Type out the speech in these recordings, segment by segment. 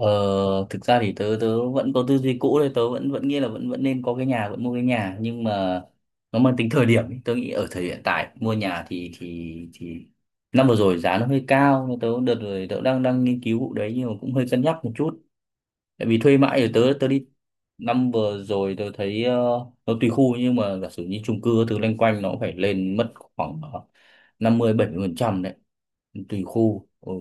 Ờ, thực ra thì tớ tớ vẫn có tư duy cũ đấy. Tớ vẫn vẫn nghĩ là vẫn vẫn nên có cái nhà, vẫn mua cái nhà, nhưng mà nó mang tính thời điểm ấy. Tớ nghĩ ở thời hiện tại mua nhà thì năm vừa rồi giá nó hơi cao, nhưng tớ, đợt rồi tớ đang đang nghiên cứu vụ đấy, nhưng mà cũng hơi cân nhắc một chút, tại vì thuê mãi thì tớ tớ đi. Năm vừa rồi tớ thấy nó tùy khu, nhưng mà giả sử như chung cư thứ loanh quanh nó cũng phải lên mất khoảng năm mươi bảy mươi phần trăm đấy, tùy khu. Ừ.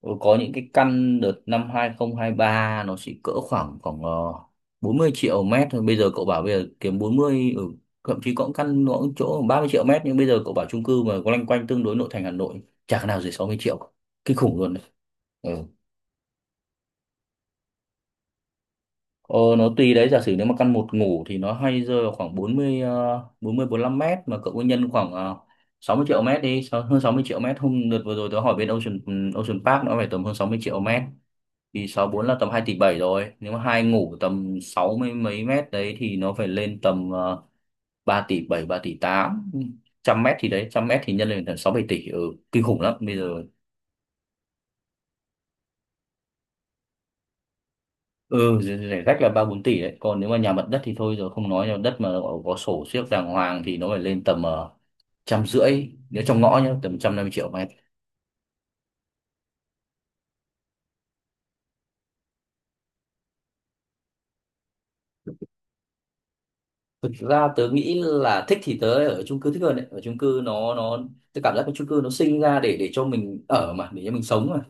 Ừ, có những cái căn đợt năm 2023 nó chỉ cỡ khoảng khoảng 40 triệu mét thôi. Bây giờ cậu bảo bây giờ kiếm 40, ừ, thậm chí có những căn nó cũng chỗ 30 triệu mét, nhưng bây giờ cậu bảo chung cư mà có loanh quanh tương đối nội thành Hà Nội chả cái nào dưới 60 triệu. Kinh khủng luôn đấy. Ừ. Ờ, nó tùy đấy, giả sử nếu mà căn một ngủ thì nó hay rơi vào khoảng 40 lăm mét, mà cậu cứ nhân khoảng 60 triệu mét đi, hơn 60 triệu mét. Hôm đợt vừa rồi tớ hỏi bên Ocean Park nó phải tầm hơn 60 triệu mét, thì sáu bốn là tầm 2 tỷ 7 rồi. Nếu mà hai ngủ tầm 60 mấy mét đấy thì nó phải lên tầm 3 tỷ bảy, 3 tỷ tám. Trăm mét thì đấy, trăm mét thì nhân lên tầm 6 7 tỷ. Ừ, kinh khủng lắm bây giờ. Ừ, rẻ rẻ rách là ba bốn tỷ đấy, còn nếu mà nhà mặt đất thì thôi rồi, không nói. Nhà mặt đất mà có sổ siếc đàng hoàng thì nó phải lên tầm trăm rưỡi, nếu trong ngõ nhá, tầm trăm năm mươi triệu mét. Thực ra tớ nghĩ là thích thì tớ ở chung cư thích hơn đấy. Ở chung cư nó, tớ cảm giác cái chung cư nó sinh ra để cho mình ở mà, để cho mình sống mà.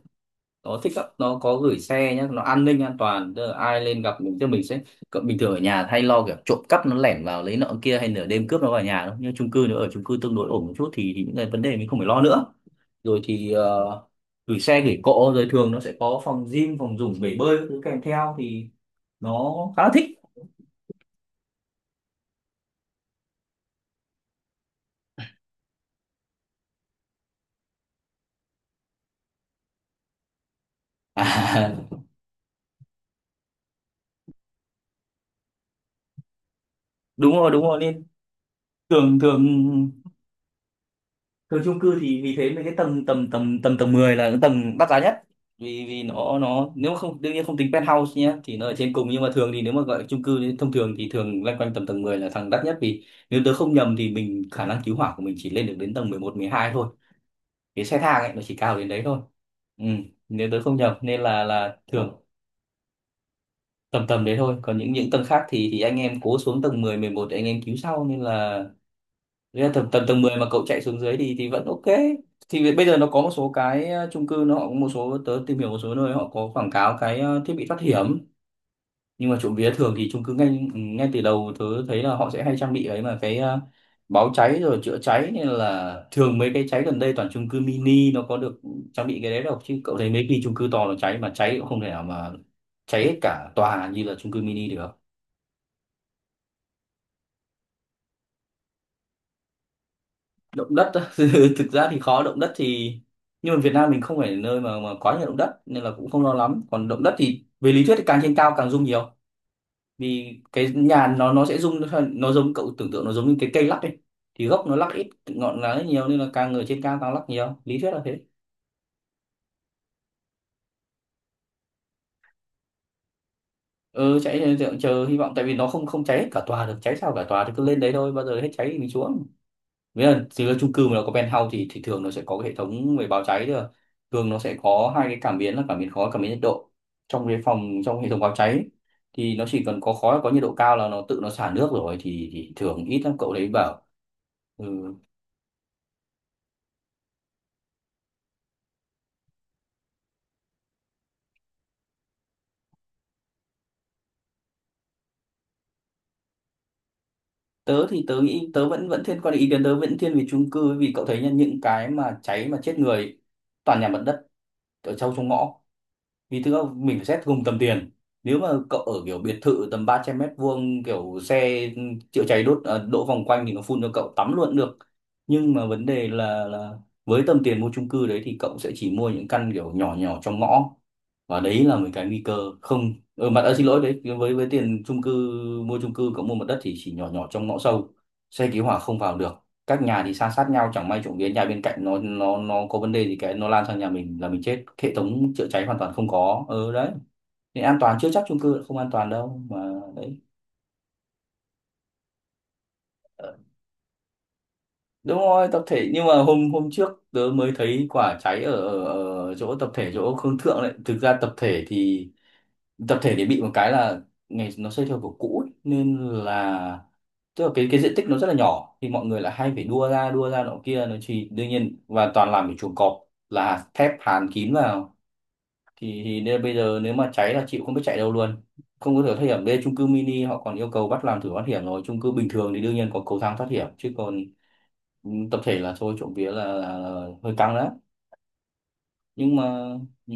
Nó thích lắm, nó có gửi xe nhá, nó an ninh an toàn, tức là ai lên gặp mình tức là mình sẽ, bình thường ở nhà hay lo kiểu trộm cắp nó lẻn vào lấy nợ kia, hay nửa đêm cướp nó vào nhà đâu. Nhưng chung cư, nếu ở chung cư tương đối ổn một chút thì những cái vấn đề mình không phải lo nữa. Rồi thì gửi xe gửi cộ, rồi thường nó sẽ có phòng gym, phòng dùng bể bơi các thứ kèm theo thì nó khá là thích. À, đúng rồi đúng rồi, nên thường thường thường chung cư thì vì thế mấy cái tầng tầm tầm tầm tầng 10 là cái tầng đắt giá nhất. Vì vì nó nếu mà không, đương nhiên không tính penthouse nhé, thì nó ở trên cùng, nhưng mà thường thì nếu mà gọi chung cư thì thông thường thì thường loanh quanh tầm tầng 10 là thằng đắt nhất. Vì nếu tớ không nhầm thì mình, khả năng cứu hỏa của mình chỉ lên được đến tầng mười một mười hai thôi, cái xe thang ấy nó chỉ cao đến đấy thôi. Ừ, nếu tớ không nhầm, nên là thường tầm tầm đấy thôi. Còn những tầng khác thì anh em cố xuống tầng mười mười một để anh em cứu sau, nên là. Thế là tầm tầm tầng 10 mà cậu chạy xuống dưới thì vẫn ok. Thì bây giờ nó có một số cái chung cư, nó cũng, một số tớ tìm hiểu một số nơi họ có quảng cáo cái thiết bị thoát hiểm. Nhưng mà trộm vía thường thì chung cư ngay ngay từ đầu tớ thấy là họ sẽ hay trang bị ấy mà, cái báo cháy rồi chữa cháy. Nên là thường mấy cái cháy gần đây toàn chung cư mini, nó có được trang bị cái đấy đâu, chứ cậu thấy mấy cái chung cư to nó cháy mà, cháy cũng không thể nào mà cháy hết cả tòa như là chung cư mini được. Động đất á? Thực ra thì khó, động đất thì, nhưng mà Việt Nam mình không phải là nơi mà quá nhiều động đất nên là cũng không lo lắm. Còn động đất thì về lý thuyết thì càng trên cao càng rung nhiều, vì cái nhà nó sẽ rung. Nó giống, cậu tưởng tượng nó giống như cái cây lắc ấy, thì gốc nó lắc ít, ngọn lá nhiều, nên là càng ở trên cao càng lắc nhiều, lý thuyết là thế. Ừ, cháy chờ hy vọng, tại vì nó không không cháy hết cả tòa được. Cháy sao cả tòa thì cứ lên đấy thôi, bao giờ hết cháy thì mình xuống. Nghĩa là, thì là chung cư mà nó có penthouse thì thường nó sẽ có cái hệ thống về báo cháy thôi à. Thường nó sẽ có hai cái cảm biến là cảm biến khói, cảm biến nhiệt độ trong cái phòng, trong hệ thống báo cháy, thì nó chỉ cần có khói, có nhiệt độ cao là nó tự nó xả nước rồi. Thì thường ít lắm, cậu đấy bảo. Ừ. Tớ thì tớ nghĩ tớ vẫn vẫn thiên, quan ý kiến tớ vẫn thiên về chung cư, vì cậu thấy nhá, những cái mà cháy mà chết người toàn nhà mặt đất ở sâu trong ngõ. Vì thực ra mình phải xét cùng tầm tiền, nếu mà cậu ở kiểu biệt thự tầm 300 mét vuông, kiểu xe chữa cháy đỗ vòng quanh thì nó phun cho cậu tắm luôn cũng được. Nhưng mà vấn đề là với tầm tiền mua chung cư đấy thì cậu sẽ chỉ mua những căn kiểu nhỏ nhỏ trong ngõ, và đấy là một cái nguy cơ. Không, ừ, xin lỗi đấy, với tiền chung cư, mua chung cư, cậu mua mặt đất thì chỉ nhỏ nhỏ trong ngõ sâu, xe cứu hỏa không vào được, các nhà thì san sát nhau, chẳng may trộm vía nhà bên cạnh nó có vấn đề gì cái nó lan sang nhà mình là mình chết, hệ thống chữa cháy hoàn toàn không có. Ừ đấy, nên an toàn chưa chắc, chung cư không an toàn đâu mà. Đấy. Ờ, Đúng rồi, tập thể, nhưng mà hôm hôm trước tớ mới thấy quả cháy ở chỗ tập thể chỗ Khương Thượng đấy. Thực ra tập thể thì bị một cái là ngày nó xây theo kiểu cũ ấy, nên là tức là cái diện tích nó rất là nhỏ, thì mọi người lại hay phải đua ra nọ kia, nó chỉ đương nhiên, và toàn làm cái chuồng cọp là thép hàn kín vào. Thì nên bây giờ nếu mà cháy là chịu, không biết chạy đâu luôn, không có được thoát hiểm. Đây chung cư mini họ còn yêu cầu bắt làm thử thoát hiểm rồi, chung cư bình thường thì đương nhiên có cầu thang thoát hiểm chứ còn. Ừ, tập thể là thôi, trộm vía là hơi căng đấy. Nhưng mà ừ,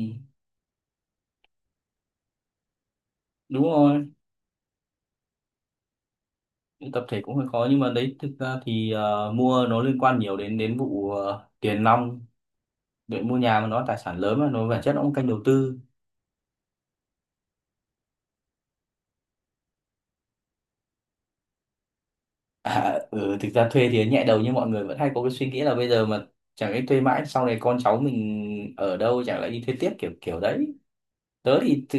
đúng rồi, tập thể cũng hơi khó, nhưng mà đấy, thực ra thì mua nó liên quan nhiều đến đến vụ tiền nong. Đội mua nhà mà, nó tài sản lớn mà, nó bản chất nó cũng kênh đầu tư. À, ừ, thực ra thuê thì nhẹ đầu, nhưng mọi người vẫn hay có cái suy nghĩ là bây giờ mà, chẳng lẽ thuê mãi, sau này con cháu mình ở đâu, chẳng lẽ đi thuê tiếp, kiểu kiểu đấy. Tớ thì tự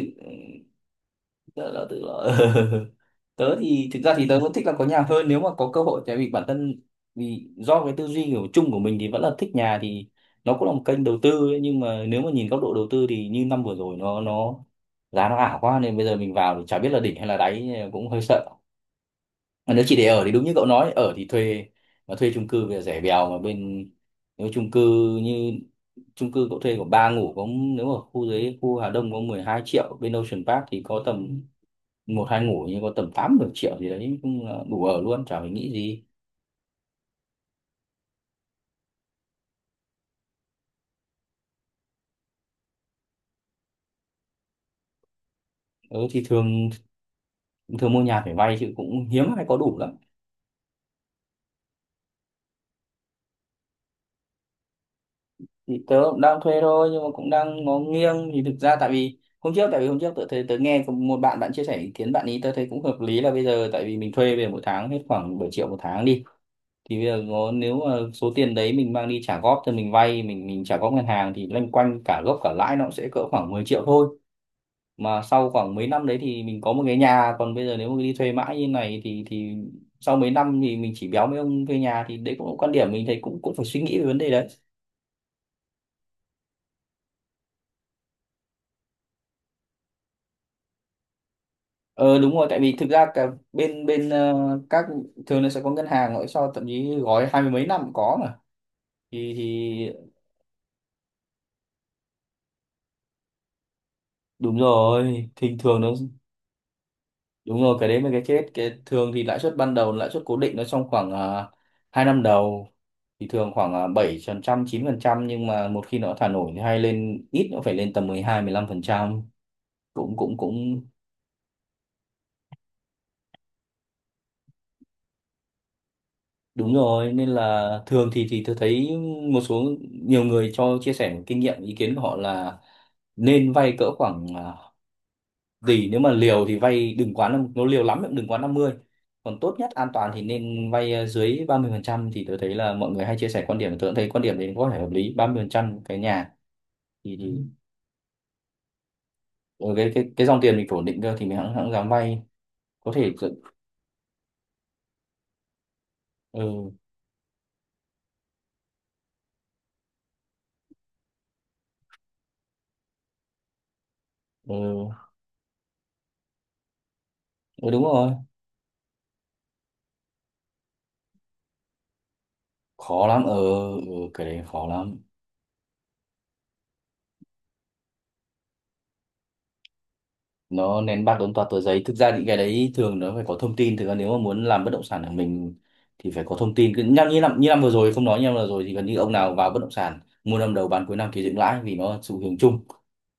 tớ là tự là Tớ thì thực ra thì tớ vẫn thích là có nhà hơn nếu mà có cơ hội, tại vì bản thân, vì do cái tư duy kiểu chung của mình thì vẫn là thích nhà. Thì nó cũng là một kênh đầu tư ấy, nhưng mà nếu mà nhìn góc độ đầu tư thì như năm vừa rồi nó giá nó ảo quá, nên bây giờ mình vào thì chả biết là đỉnh hay là đáy, cũng hơi sợ. Mà nếu chỉ để ở thì đúng như cậu nói, ở thì thuê. Mà thuê chung cư bây giờ rẻ bèo, mà bên, nếu chung cư, như chung cư cậu thuê có ba ngủ có, nếu ở khu dưới, khu Hà Đông có 12 triệu, bên Ocean Park thì có tầm một hai ngủ, nhưng có tầm tám 10 triệu gì đấy cũng là đủ ở luôn chả phải nghĩ gì. Ừ, thì thường thường mua nhà phải vay chứ cũng hiếm ai có đủ lắm. Thì tớ cũng đang thuê thôi nhưng mà cũng đang ngó nghiêng. Thì thực ra tại vì hôm trước tớ thấy tớ nghe có một bạn bạn chia sẻ ý kiến, bạn ý tớ thấy cũng hợp lý, là bây giờ tại vì mình thuê về mỗi tháng hết khoảng 7 triệu một tháng đi, thì bây giờ ngó nếu mà số tiền đấy mình mang đi trả góp, cho mình vay mình trả góp ngân hàng, thì loanh quanh cả gốc cả lãi nó cũng sẽ cỡ khoảng 10 triệu thôi, mà sau khoảng mấy năm đấy thì mình có một cái nhà. Còn bây giờ nếu mà đi thuê mãi như này thì sau mấy năm thì mình chỉ béo mấy ông thuê nhà. Thì đấy cũng là một quan điểm, mình thấy cũng cũng phải suy nghĩ về vấn đề. Ờ đúng rồi, tại vì thực ra cả bên bên ờ, các thường nó sẽ có ngân hàng gọi cho, thậm chí gói hai mươi mấy năm cũng có mà. Thì đúng rồi, thì thường nó đúng rồi, cái đấy mới cái chết. Cái thường thì lãi suất ban đầu, lãi suất cố định nó trong khoảng 2 năm đầu, thì thường khoảng 7% 9%, nhưng mà một khi nó thả nổi thì hay lên ít nó phải lên tầm mười hai phần trăm. Cũng cũng cũng Đúng rồi, nên là thường thì tôi thấy một số nhiều người cho chia sẻ kinh nghiệm ý kiến của họ là nên vay cỡ khoảng tỷ, nếu mà liều thì vay đừng quá nó liều lắm thì cũng đừng quá 50. Còn tốt nhất an toàn thì nên vay dưới 30%. Thì tôi thấy là mọi người hay chia sẻ quan điểm, tôi cũng thấy quan điểm đấy có thể hợp lý, 30% cái nhà thì ừ, cái dòng tiền mình ổn định cơ thì mình hẵng hẵng dám vay, có thể ừ, ừ, ừ đúng rồi, khó lắm. Ờ ừ, ừ, cái đấy khó lắm. Nó nén bạc đốn toạt tờ giấy. Thực ra những cái đấy thường nó phải có thông tin. Thực ra nếu mà muốn làm bất động sản của mình thì phải có thông tin, cứ nhắc như năm vừa rồi không nói như năm vừa rồi thì gần như ông nào vào bất động sản mua năm đầu bán cuối năm thì dựng lãi, vì nó là xu hướng chung.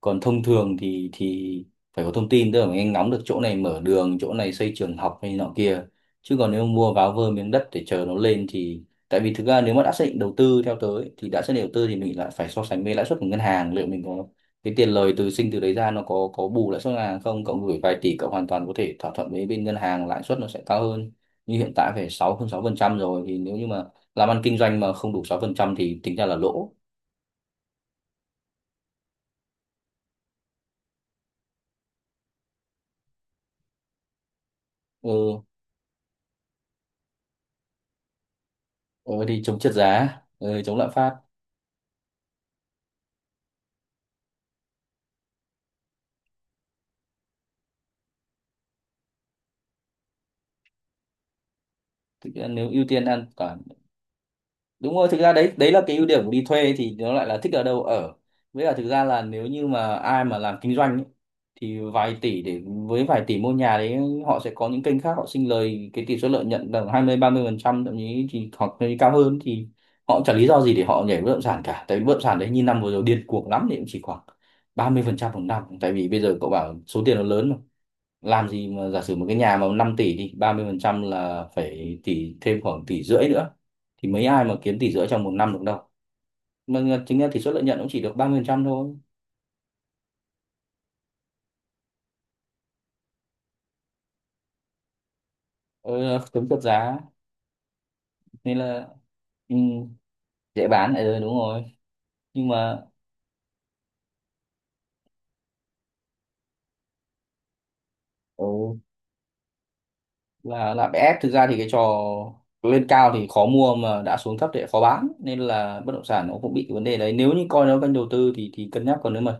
Còn thông thường thì phải có thông tin, tức là mình nhanh ngóng được chỗ này mở đường, chỗ này xây trường học hay nọ kia, chứ còn nếu mua váo vơ miếng đất để chờ nó lên thì tại vì thực ra nếu mà đã xác định đầu tư theo tới thì đã xác định đầu tư thì mình lại phải so sánh với lãi suất của ngân hàng, liệu mình có cái tiền lời từ sinh từ đấy ra nó có bù lãi suất ngân hàng không. Cậu gửi vài tỷ, cậu hoàn toàn có thể thỏa thuận với bên ngân hàng lãi suất nó sẽ cao hơn, như hiện tại phải sáu hơn 6% rồi, thì nếu như mà làm ăn kinh doanh mà không đủ 6% thì tính ra là lỗ. Ừ, ừ thì chống trượt giá, ừ, chống lạm phát. Thực ra nếu ưu tiên an ăn đúng rồi, thực ra đấy, đấy là cái ưu điểm của đi thuê, thì nó lại là thích ở đâu ở. Với cả thực ra là nếu như mà ai mà làm kinh doanh ấy, thì vài tỷ để, với vài tỷ mua nhà đấy, họ sẽ có những kênh khác họ sinh lời cái tỷ suất lợi nhuận tầm 20 30% thậm chí, thì hoặc là cao hơn thì họ cũng chẳng lý do gì để họ nhảy bất động sản cả. Tại vì bất động sản đấy như năm vừa rồi điên cuồng lắm thì cũng chỉ khoảng 30% một năm. Tại vì bây giờ cậu bảo số tiền nó lớn mà, làm gì mà giả sử một cái nhà mà 5 tỷ thì 30% là phải tỷ, thêm khoảng tỷ rưỡi nữa, thì mấy ai mà kiếm tỷ rưỡi trong một năm được đâu. Mà chính ra tỷ suất lợi nhuận cũng chỉ được 30% thôi. Ừ, tính trượt giá, nên là ừ, dễ bán lại rồi đúng rồi. Nhưng mà ừ, là bê ép, thực ra thì cái trò lên cao thì khó mua mà đã xuống thấp thì lại khó bán, nên là bất động sản nó cũng bị cái vấn đề đấy. Nếu như coi nó kênh đầu tư thì cân nhắc, còn nếu mà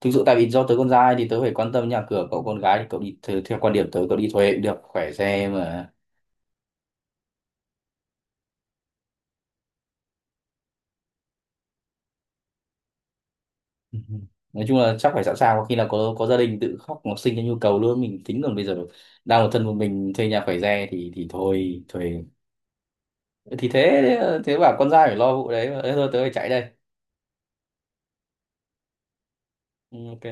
thực sự tại vì do tớ con trai thì tớ phải quan tâm nhà cửa, cậu con gái thì cậu đi theo, theo quan điểm tớ cậu đi thuê cũng được khỏe xe mà. Nói chung là chắc phải sẵn sàng, có khi nào có gia đình tự khóc học sinh cho nhu cầu luôn mình tính, còn bây giờ đang một thân một mình thuê nhà khỏe xe thì thôi thuê. Thì thế, thế bảo con trai phải lo vụ đấy mà. Thế thôi tớ phải chạy đây. Ừ, ok.